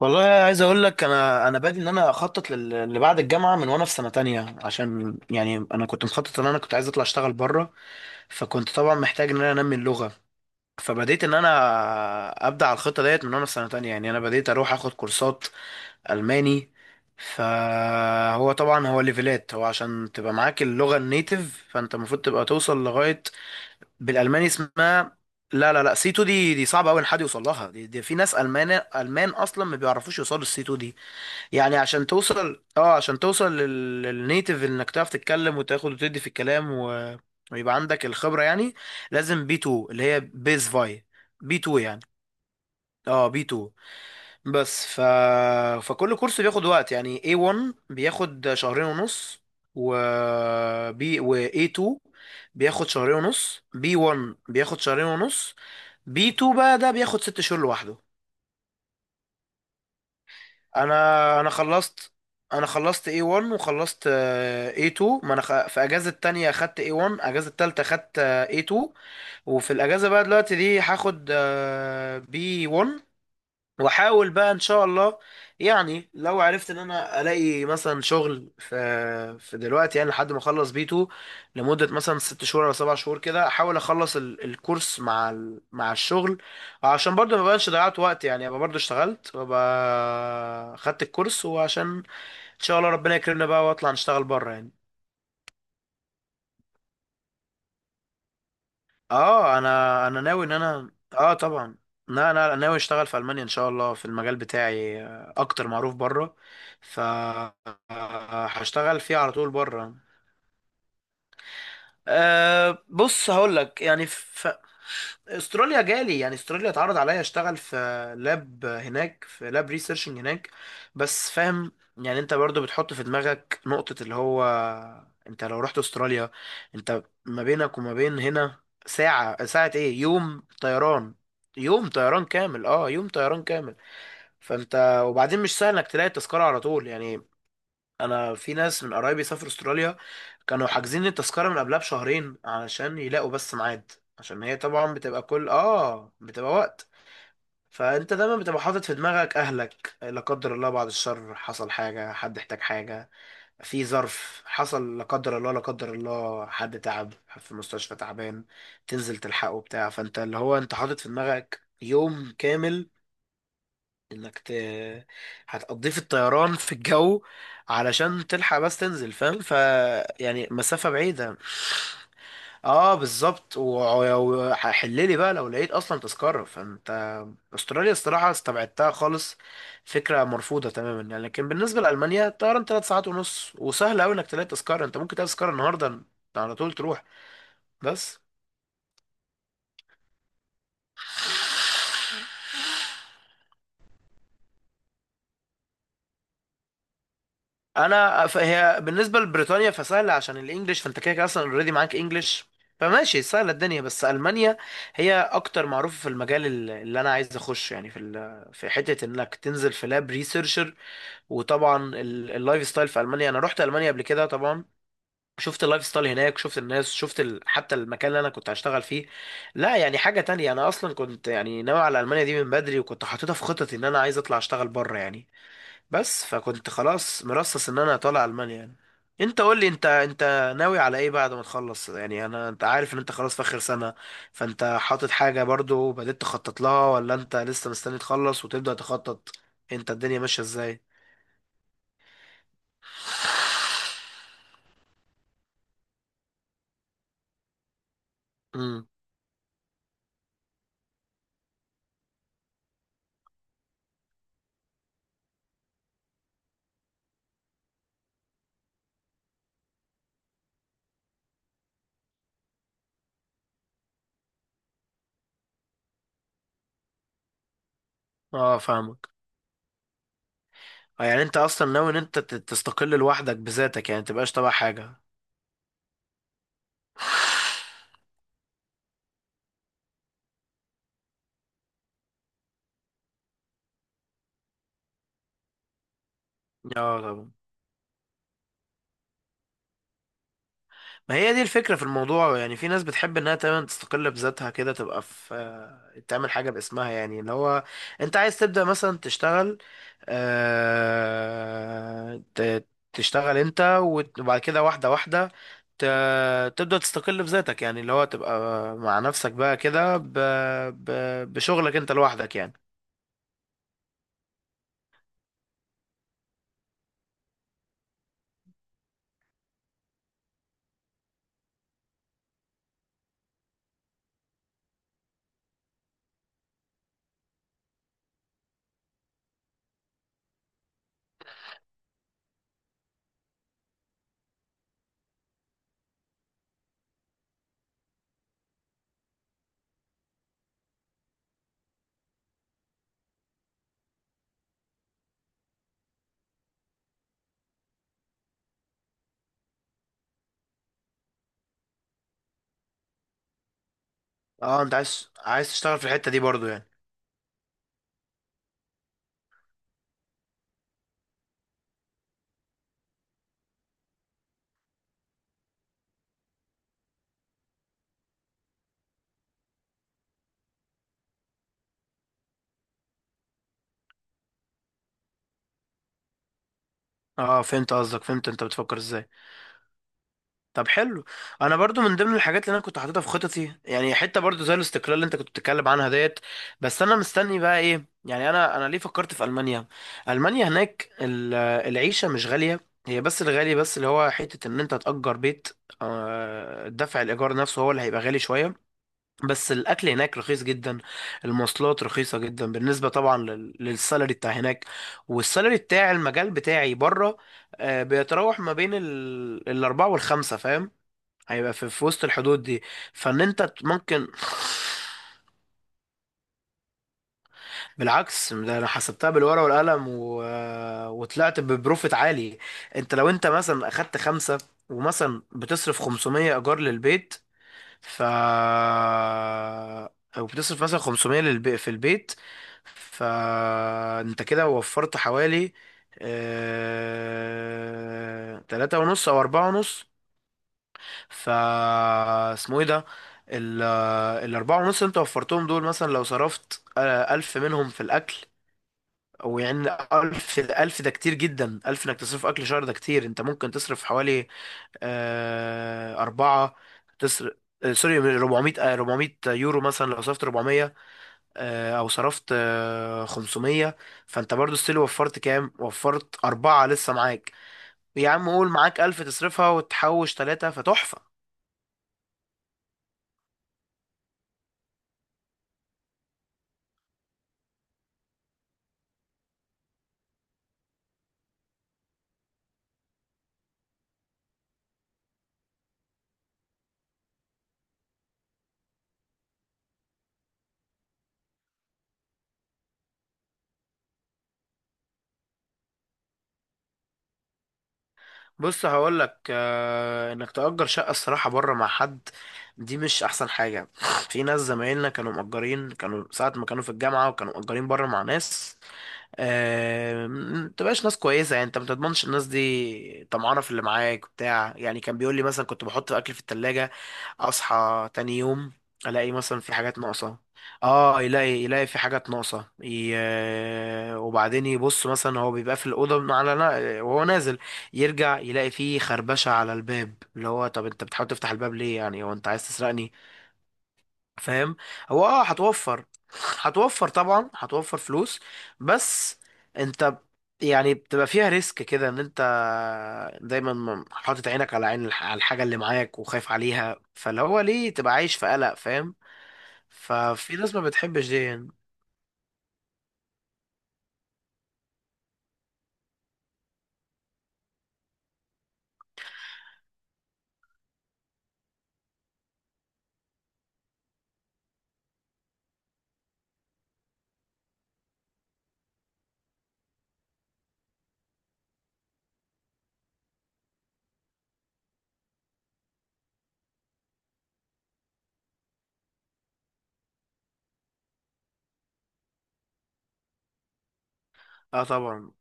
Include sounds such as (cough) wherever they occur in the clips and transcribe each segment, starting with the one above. والله عايز اقول لك انا بادئ ان انا اخطط اللي بعد الجامعه من وانا في سنه تانية، عشان يعني انا كنت مخطط ان انا كنت عايز اطلع اشتغل بره. فكنت طبعا محتاج ان انا انمي اللغه. فبديت ان انا ابدا على الخطه ديت من وانا في سنه تانية. يعني انا بديت اروح اخد كورسات الماني. فهو طبعا هو ليفلات، هو عشان تبقى معاك اللغه النيتيف فانت المفروض تبقى توصل لغايه بالالماني اسمها... لا لا لا، سي 2. دي صعبه قوي ان حد يوصل لها، دي في ناس المان اصلا ما بيعرفوش يوصلوا السي 2 دي. يعني عشان توصل، اه عشان توصل للنيتيف، انك تعرف تتكلم وتاخد وتدي في الكلام ويبقى عندك الخبرة يعني. لازم بي 2 اللي هي بيز فاي. بي 2 يعني. اه بي 2. بس ف... فكل كورس بياخد وقت. يعني اي 1 بياخد شهرين ونص، و بي و اي 2 بياخد شهرين ونص. بي 1 بياخد شهرين ونص. بي 2 بقى ده بياخد 6 شهور لوحده. انا خلصت. انا خلصت A1، وخلصت A2. ما انا خ... في اجازة تانية خدت A1، اجازة تالتة خدت A2. وفي الاجازة بقى دلوقتي دي هاخد B1، واحاول بقى ان شاء الله. يعني لو عرفت ان انا الاقي مثلا شغل في دلوقتي يعني، لحد ما اخلص بيتو لمده مثلا ست شهور او 7 شهور كده، احاول اخلص الكورس مع مع الشغل. عشان برضه ما بقاش ضيعت وقت يعني، ابقى برضه اشتغلت وابقى خدت الكورس، وعشان ان شاء الله ربنا يكرمنا بقى واطلع نشتغل بره يعني. اه انا ناوي ان انا، اه طبعا. لا لا لا، ناوي اشتغل في المانيا ان شاء الله في المجال بتاعي، اكتر معروف بره. ف آه، هشتغل فيه على طول بره. أه بص هقول لك يعني، في... استراليا جالي، يعني استراليا اتعرض عليا اشتغل في لاب هناك، في لاب ريسيرشنج هناك. بس فاهم، يعني انت برضو بتحط في دماغك نقطة اللي هو، انت لو رحت استراليا، انت ما بينك وما بين هنا ساعة ايه، يوم طيران. يوم طيران كامل. اه يوم طيران كامل. فانت وبعدين مش سهل انك تلاقي التذكرة على طول يعني. انا في ناس من قرايبي سافروا استراليا، كانوا حاجزين التذكره من قبلها بشهرين علشان يلاقوا بس ميعاد. عشان هي طبعا بتبقى كل، اه بتبقى وقت. فانت دايما بتبقى حاطط في دماغك اهلك، لا قدر الله بعد الشر حصل حاجه، حد احتاج حاجه، في ظرف حصل لا قدر الله، لا قدر الله حد تعب في مستشفى تعبان، تنزل تلحقه بتاع. فانت اللي هو انت حاطط في دماغك يوم كامل انك ت... هتقضيه في الطيران في الجو، علشان تلحق بس تنزل، فاهم؟ يعني مسافة بعيدة. اه بالظبط، وحللي بقى لو لقيت اصلا تذكرة. فانت استراليا الصراحة استبعدتها خالص، فكرة مرفوضة تماما يعني. لكن بالنسبة لألمانيا الطيران 3 ساعات ونص، وسهل اوي انك تلاقي تذكرة، انت ممكن تلاقي تذكرة النهاردة على طول تروح. بس انا هي بالنسبه لبريطانيا فسهله عشان الانجليش، فانت كده كده اصلا اوريدي معاك انجليش، فماشي سهله الدنيا. بس المانيا هي اكتر معروفه في المجال اللي انا عايز اخشه يعني، في في حته انك تنزل في لاب ريسيرشر. وطبعا اللايف ستايل في المانيا، انا رحت المانيا قبل كده طبعا، شفت اللايف ستايل هناك، شفت الناس، شفت حتى المكان اللي انا كنت هشتغل فيه. لا يعني حاجه تانية. انا اصلا كنت يعني ناوي على المانيا دي من بدري، وكنت حاططها في خططي ان انا عايز اطلع اشتغل بره يعني. بس فكنت خلاص مرصص ان انا طالع المانيا يعني. انت قول لي، انت ناوي على ايه بعد ما تخلص يعني؟ انا انت عارف ان انت خلاص في اخر سنة، فانت حاطط حاجة برضو بدأت تخطط لها ولا انت لسه مستني تخلص وتبدأ تخطط؟ انت الدنيا ماشية ازاي؟ امم. اه فاهمك. يعني انت اصلا ناوي ان انت تستقل لوحدك بذاتك، يعني متبقاش تبع حاجة. اه طبعا. ما هي دي الفكرة في الموضوع يعني. في ناس بتحب انها تمام تستقل بذاتها كده، تبقى في تعمل حاجة باسمها يعني. اللي هو انت عايز تبدأ مثلا تشتغل، آه، ت- تشتغل انت وبعد كده واحدة واحدة، تبدأ تستقل بذاتك يعني، اللي هو تبقى مع نفسك بقى كده بشغلك انت لوحدك يعني. اه انت عايز تشتغل في الحتة دي برضو يعني. اه فهمت قصدك، فهمت انت بتفكر ازاي. طب حلو. انا برضو من ضمن الحاجات اللي انا كنت حاططها في خططي يعني، حته برضو زي الاستقلال اللي انت كنت بتتكلم عنها ديت. بس انا مستني بقى ايه؟ يعني انا ليه فكرت في المانيا؟ المانيا هناك العيشه مش غاليه. هي بس الغالي بس اللي هو حته ان انت تأجر بيت، دفع الايجار نفسه هو اللي هيبقى غالي شويه. بس الاكل هناك رخيص جدا، المواصلات رخيصه جدا بالنسبه طبعا للسالري بتاع هناك. والسالري بتاع المجال بتاعي بره بيتراوح ما بين ال الأربعة والخمسة فاهم، هيبقى في وسط الحدود دي. فان انت ممكن (laughs) بالعكس، ده انا حسبتها بالورقه والقلم وطلعت ببروفيت عالي. انت لو انت مثلا اخدت خمسة، ومثلا بتصرف 500 ايجار للبيت، ف او بتصرف مثلا 500 في البيت، فانت كده وفرت حوالي تلاتة ونص او اربعة ونص. ف اسمه ايه ده، ال- الاربعة ونص اللي انت وفرتهم دول، مثلا لو صرفت الف منهم في الاكل، او يعني الف، الف ده كتير جدا، الف انك تصرف اكل شهر ده كتير، انت ممكن تصرف حوالي أربعة تصرف، سوري 400، 400 يورو، مثلا لو صرفت 400 او صرفت 500. فانت برضو ستيل وفرت كام، وفرت أربعة لسه معاك. يا عم قول معاك 1000 تصرفها وتحوش ثلاثة، فتحفة. بص هقول لك، آه انك تأجر شقة الصراحة بره مع حد، دي مش احسن حاجة. في ناس زمايلنا كانوا مأجرين، كانوا ساعة ما كانوا في الجامعة، وكانوا مأجرين بره مع ناس، ما تبقاش ناس كويسه يعني، انت ما تضمنش الناس دي طمعانه في اللي معاك بتاع يعني. كان بيقول لي مثلا كنت بحط اكل في التلاجة، اصحى تاني يوم الاقي مثلا في حاجات ناقصه. اه يلاقي في حاجات ناقصه ي... آه، وبعدين يبص مثلا هو بيبقى في الاوضه على وهو نازل، يرجع يلاقي فيه خربشه على الباب. اللي هو طب انت بتحاول تفتح الباب ليه يعني؟ هو انت عايز تسرقني؟ فاهم. هو اه هتوفر طبعا هتوفر فلوس، بس انت يعني بتبقى فيها ريسك كده ان انت دايما حاطط عينك على عين على الحاجة اللي معاك، وخايف عليها. فاللي هو ليه تبقى عايش في قلق؟ فاهم. ففي ناس ما بتحبش دي يعني. اه طبعا.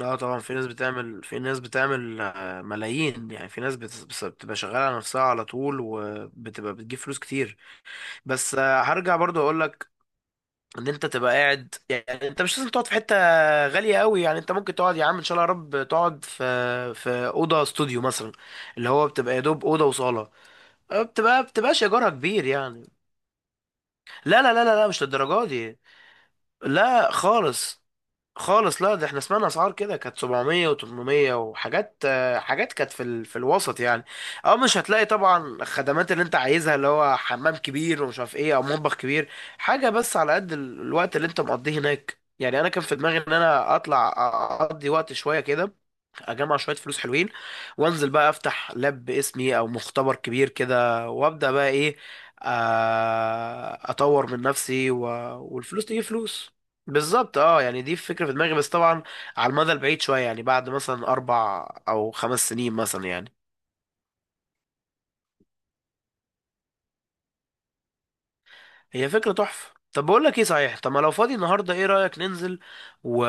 اه طبعا في ناس بتعمل، في ناس بتعمل ملايين يعني، في ناس بتبقى شغالة على نفسها على طول، وبتبقى بتجيب فلوس كتير. بس هرجع برضو اقول لك ان انت تبقى قاعد يعني، انت مش لازم تقعد في حته غاليه قوي يعني، انت ممكن تقعد يا عم ان شاء الله يا رب تقعد في في اوضه استوديو مثلا، اللي هو بتبقى يا دوب اوضه وصاله، بتبقى بتبقاش ايجارها كبير يعني. لا لا لا لا لا، مش للدرجه دي. لا خالص، خالص لا، ده احنا سمعنا اسعار كده كانت 700 و800، وحاجات حاجات كانت في في الوسط يعني. اه مش هتلاقي طبعا الخدمات اللي انت عايزها، اللي هو حمام كبير ومش عارف ايه او مطبخ كبير، حاجه بس على قد الوقت اللي انت مقضيه هناك يعني. انا كان في دماغي ان انا اطلع اقضي وقت شويه كده، اجمع شويه فلوس حلوين، وانزل بقى افتح لاب باسمي او مختبر كبير كده، وابدا بقى ايه، اطور من نفسي والفلوس تجيب فلوس. بالظبط اه، يعني دي فكره في دماغي، بس طبعا على المدى البعيد شويه يعني، بعد مثلا اربع او 5 سنين مثلا يعني. هي فكره تحفه. طب بقول لك ايه صحيح، طب ما لو فاضي النهارده ايه رايك ننزل، و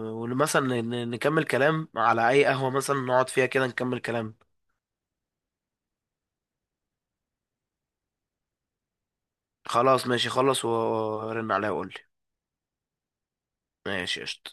ومثلا نكمل كلام على اي قهوه مثلا نقعد فيها كده نكمل كلام. خلاص ماشي، خلص ورن عليها وقول لي. ماشي قشطة.